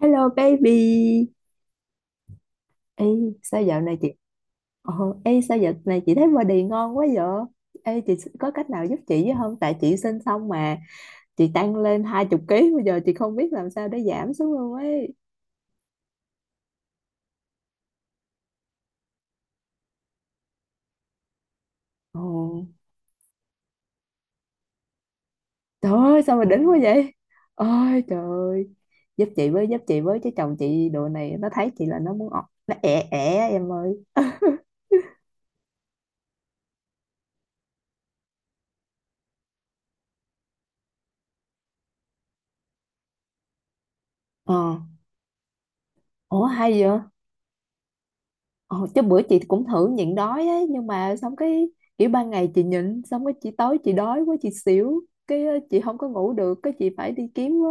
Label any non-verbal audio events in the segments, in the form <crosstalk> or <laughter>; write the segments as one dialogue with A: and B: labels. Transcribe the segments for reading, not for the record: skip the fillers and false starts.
A: Hello baby. Ê, sao dạo này chị Ồ, ê, sao dạo này chị thấy body ngon quá vậy? Ê, chị có cách nào giúp chị với không? Tại chị sinh xong mà chị tăng lên 20 ký bây giờ chị không biết làm sao để giảm xuống luôn ấy. Ồ, trời ơi, sao mà đỉnh quá vậy? Ôi trời ơi. Giúp chị với chứ chồng chị đồ này nó thấy chị là nó muốn nó ẻ ẻ em ơi. Ờ, ủa hay vậy? Ờ, chứ bữa chị cũng thử nhịn đói ấy, nhưng mà xong cái kiểu ban ngày chị nhịn xong cái chị tối chị đói quá chị xỉu cái chị không có ngủ được cái chị phải đi kiếm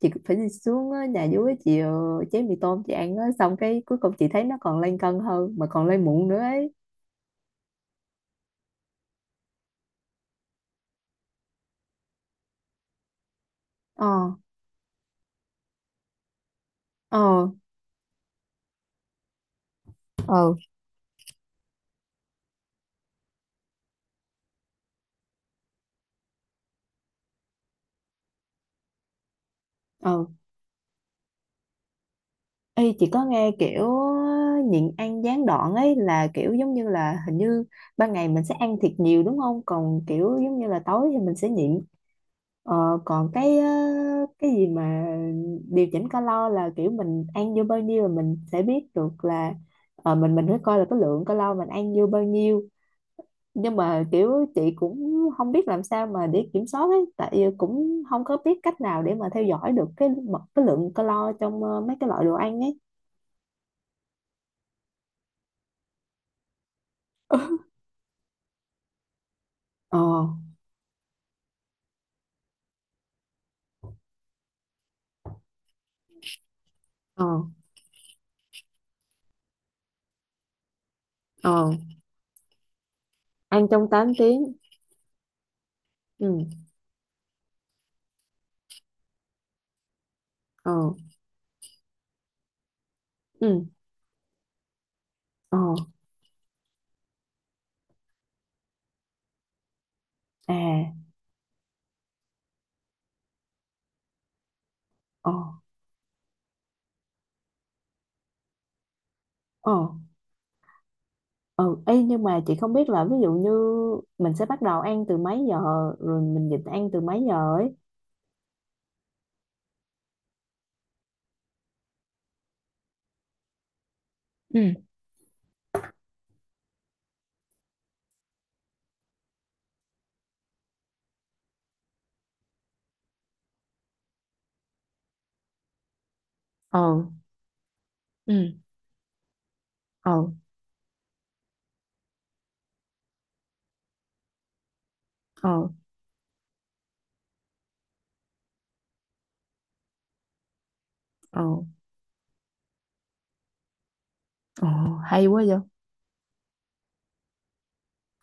A: chị phải đi xuống nhà dưới chị chế mì tôm chị ăn á. Xong cái cuối cùng chị thấy nó còn lên cân hơn mà còn lên muộn nữa ấy. Ờ. Ờ. Ừ. Ờ. Ê, chị có nghe kiểu nhịn ăn gián đoạn ấy là kiểu giống như là hình như ban ngày mình sẽ ăn thiệt nhiều, đúng không? Còn kiểu giống như là tối thì mình sẽ nhịn. Ờ, còn cái gì mà điều chỉnh calo là kiểu mình ăn vô bao nhiêu là mình sẽ biết được là mình phải coi là cái lượng calo mình ăn vô bao nhiêu. Nhưng mà kiểu chị cũng không biết làm sao mà để kiểm soát ấy, tại vì cũng không có biết cách nào để mà theo dõi được cái mật cái lượng calo trong mấy cái loại đồ ăn ấy. Ờ. Ờ. Ờ. Ăn trong 8 tiếng. Ừ. Ờ. Ừ. Ờ. À. Ờ. Ờ. Ừ, ý, nhưng mà chị không biết là ví dụ như mình sẽ bắt đầu ăn từ mấy giờ rồi mình nhịn ăn từ mấy giờ ấy. Ừ. Ờ. Ừ. Ờ. Ờ. Ờ. Ờ. Hay quá vậy.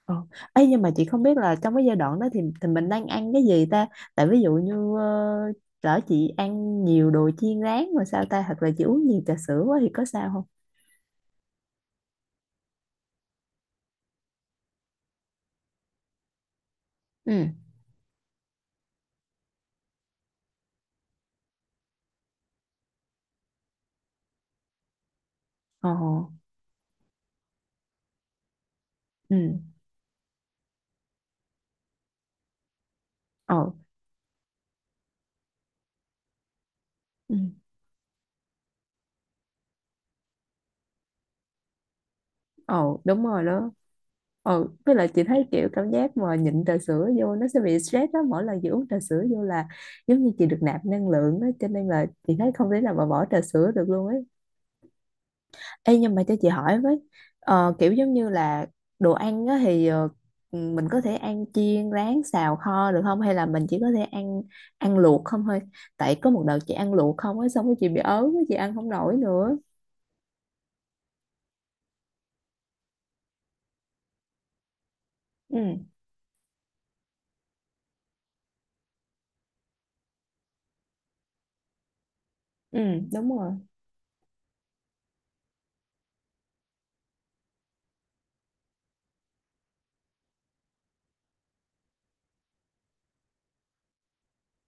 A: Ờ. Ấy nhưng mà chị không biết là trong cái giai đoạn đó thì mình đang ăn cái gì ta? Tại ví dụ như lỡ chị ăn nhiều đồ chiên rán rồi sao ta, hoặc là chị uống nhiều trà sữa quá thì có sao không? Ừ. Ờ. Ừ. Ờ. Ừ. Ồ, đúng rồi đó. Ồ, với lại chị thấy kiểu cảm giác mà nhịn trà sữa vô nó sẽ bị stress đó, mỗi lần chị uống trà sữa vô là giống như chị được nạp năng lượng đó, cho nên là chị thấy không thể nào mà bỏ trà sữa được luôn ấy. Ê, nhưng mà cho chị hỏi với, kiểu giống như là đồ ăn á thì mình có thể ăn chiên rán xào kho được không, hay là mình chỉ có thể ăn ăn luộc không thôi? Tại có một đợt chị ăn luộc không á, xong rồi chị bị ớn á, chị ăn không nổi nữa. Ừ. Ừ. Đúng rồi.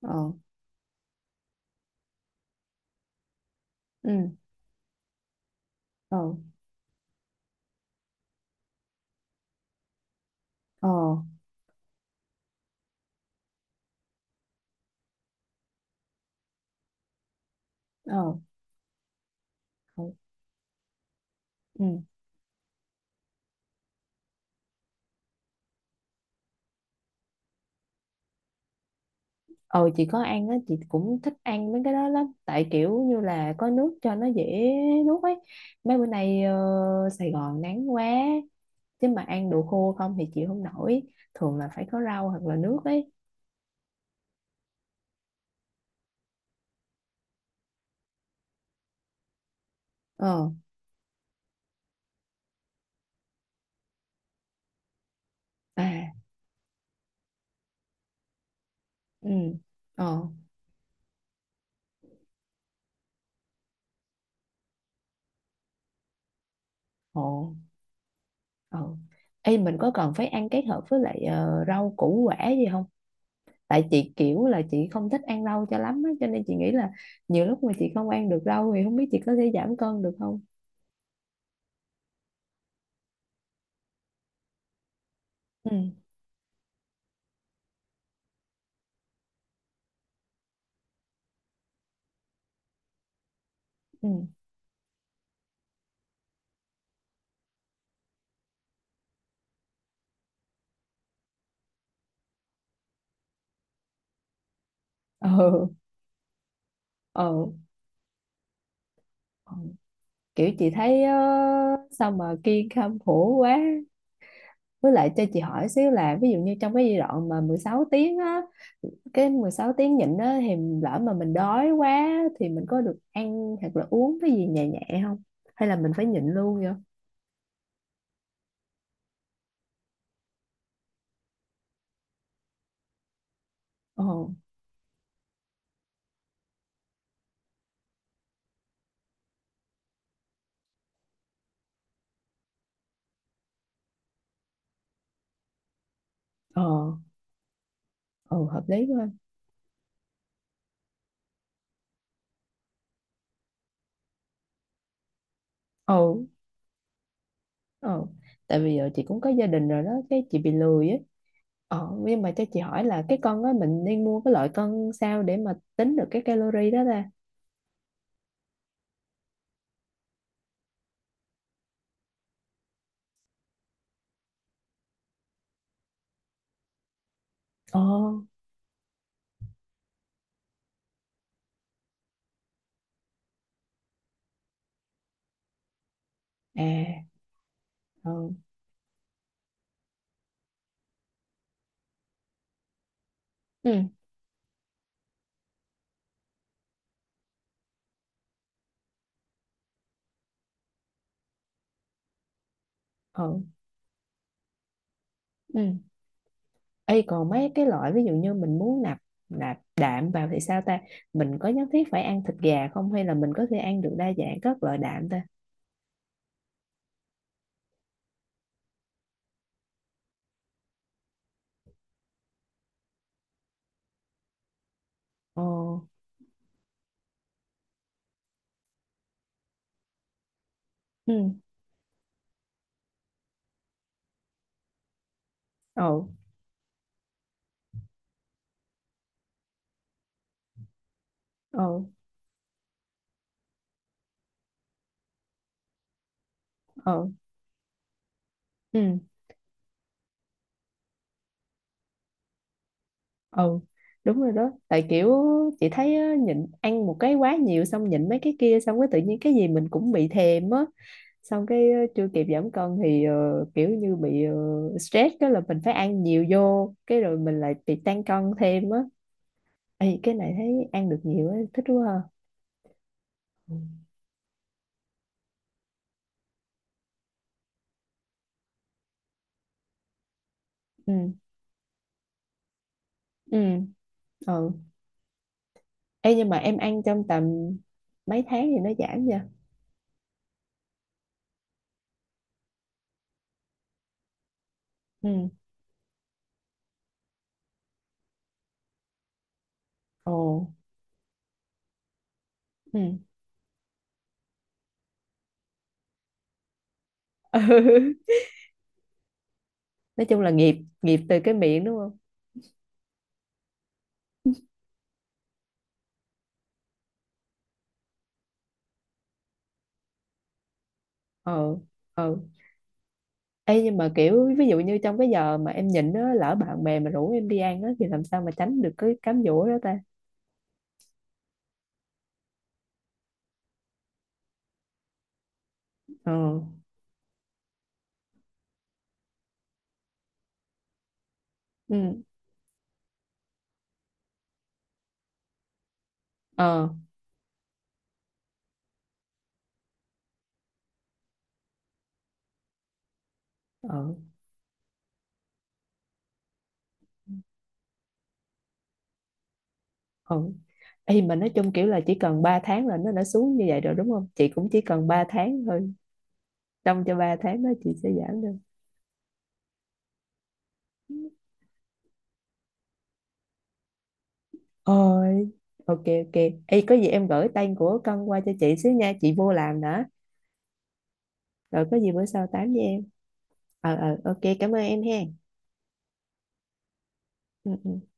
A: Ờ. Ừ. Ờ. Ờ. Ờ. Ừ. Ừ. Ờ, chị có ăn á, chị cũng thích ăn mấy cái đó lắm tại kiểu như là có nước cho nó dễ nuốt ấy. Mấy bữa nay Sài Gòn nắng quá, chứ mà ăn đồ khô không thì chịu không nổi, thường là phải có rau hoặc là nước ấy. Ờ. À. Ừ. Ờ. Ồ. Ờ. Ê, mình có cần phải ăn kết hợp với lại rau củ quả gì không? Tại chị kiểu là chị không thích ăn rau cho lắm á, cho nên chị nghĩ là nhiều lúc mà chị không ăn được rau thì không biết chị có thể giảm cân được không. Ừ. Ừ. Ừ. Ừ. Ừ. Kiểu chị thấy sao mà kiên khem khổ quá. Với lại cho chị hỏi xíu là ví dụ như trong cái giai đoạn mà 16 tiếng á, cái 16 tiếng nhịn á thì lỡ mà mình đói quá thì mình có được ăn hoặc là uống cái gì nhẹ nhẹ không, hay là mình phải nhịn luôn vậy? Ờ. Ờ. Ờ. Hợp lý quá. Ừ. Ờ, tại vì giờ chị cũng có gia đình rồi đó cái chị bị lười ấy. Nhưng mà cho chị hỏi là cái con á, mình nên mua cái loại cân sao để mà tính được cái calorie đó ta? Ờ. À. Ờ. Ừ. Ờ. Ừ. Ê, còn mấy cái loại ví dụ như mình muốn nạp nạp đạm vào thì sao ta? Mình có nhất thiết phải ăn thịt gà không, hay là mình có thể ăn được đa dạng các loại đạm ta? Ờ. Ừ. Ờ. Ờ. Ờ. Ừ. Ừ, đúng rồi đó tại kiểu chị thấy á, nhịn ăn một cái quá nhiều xong nhịn mấy cái kia xong cái tự nhiên cái gì mình cũng bị thèm á, xong cái chưa kịp giảm cân thì kiểu như bị stress cái là mình phải ăn nhiều vô cái rồi mình lại bị tăng cân thêm á. Ê, cái này thấy ăn được nhiều á, thích quá ha. Ừ. Ừ. Ừ. Ê, nhưng mà em ăn trong tầm mấy tháng thì nó giảm nha? Ừ. Ồ. Ừ. <laughs> Nói chung là nghiệp. Nghiệp từ cái miệng, đúng không? Ờ. Ờ. Ê, nhưng mà kiểu ví dụ như trong cái giờ mà em nhịn á, lỡ bạn bè mà rủ em đi ăn á thì làm sao mà tránh được cái cám dỗ đó ta? Ờ. Ừ. Ờ. Ờ. Ờ. Ê, mà nói chung kiểu là chỉ cần 3 tháng là nó đã xuống như vậy rồi đúng không chị, cũng chỉ cần 3 tháng thôi, trong cho 3 tháng đó chị sẽ giảm được? Ôi. Ok. Ok. Ê, có gì em gửi tên của cân qua cho chị xíu nha, chị vô làm nữa, rồi có gì bữa sau tám với em. Ờ. Ờ. Ok, cảm ơn em hen. Ừ, ừ.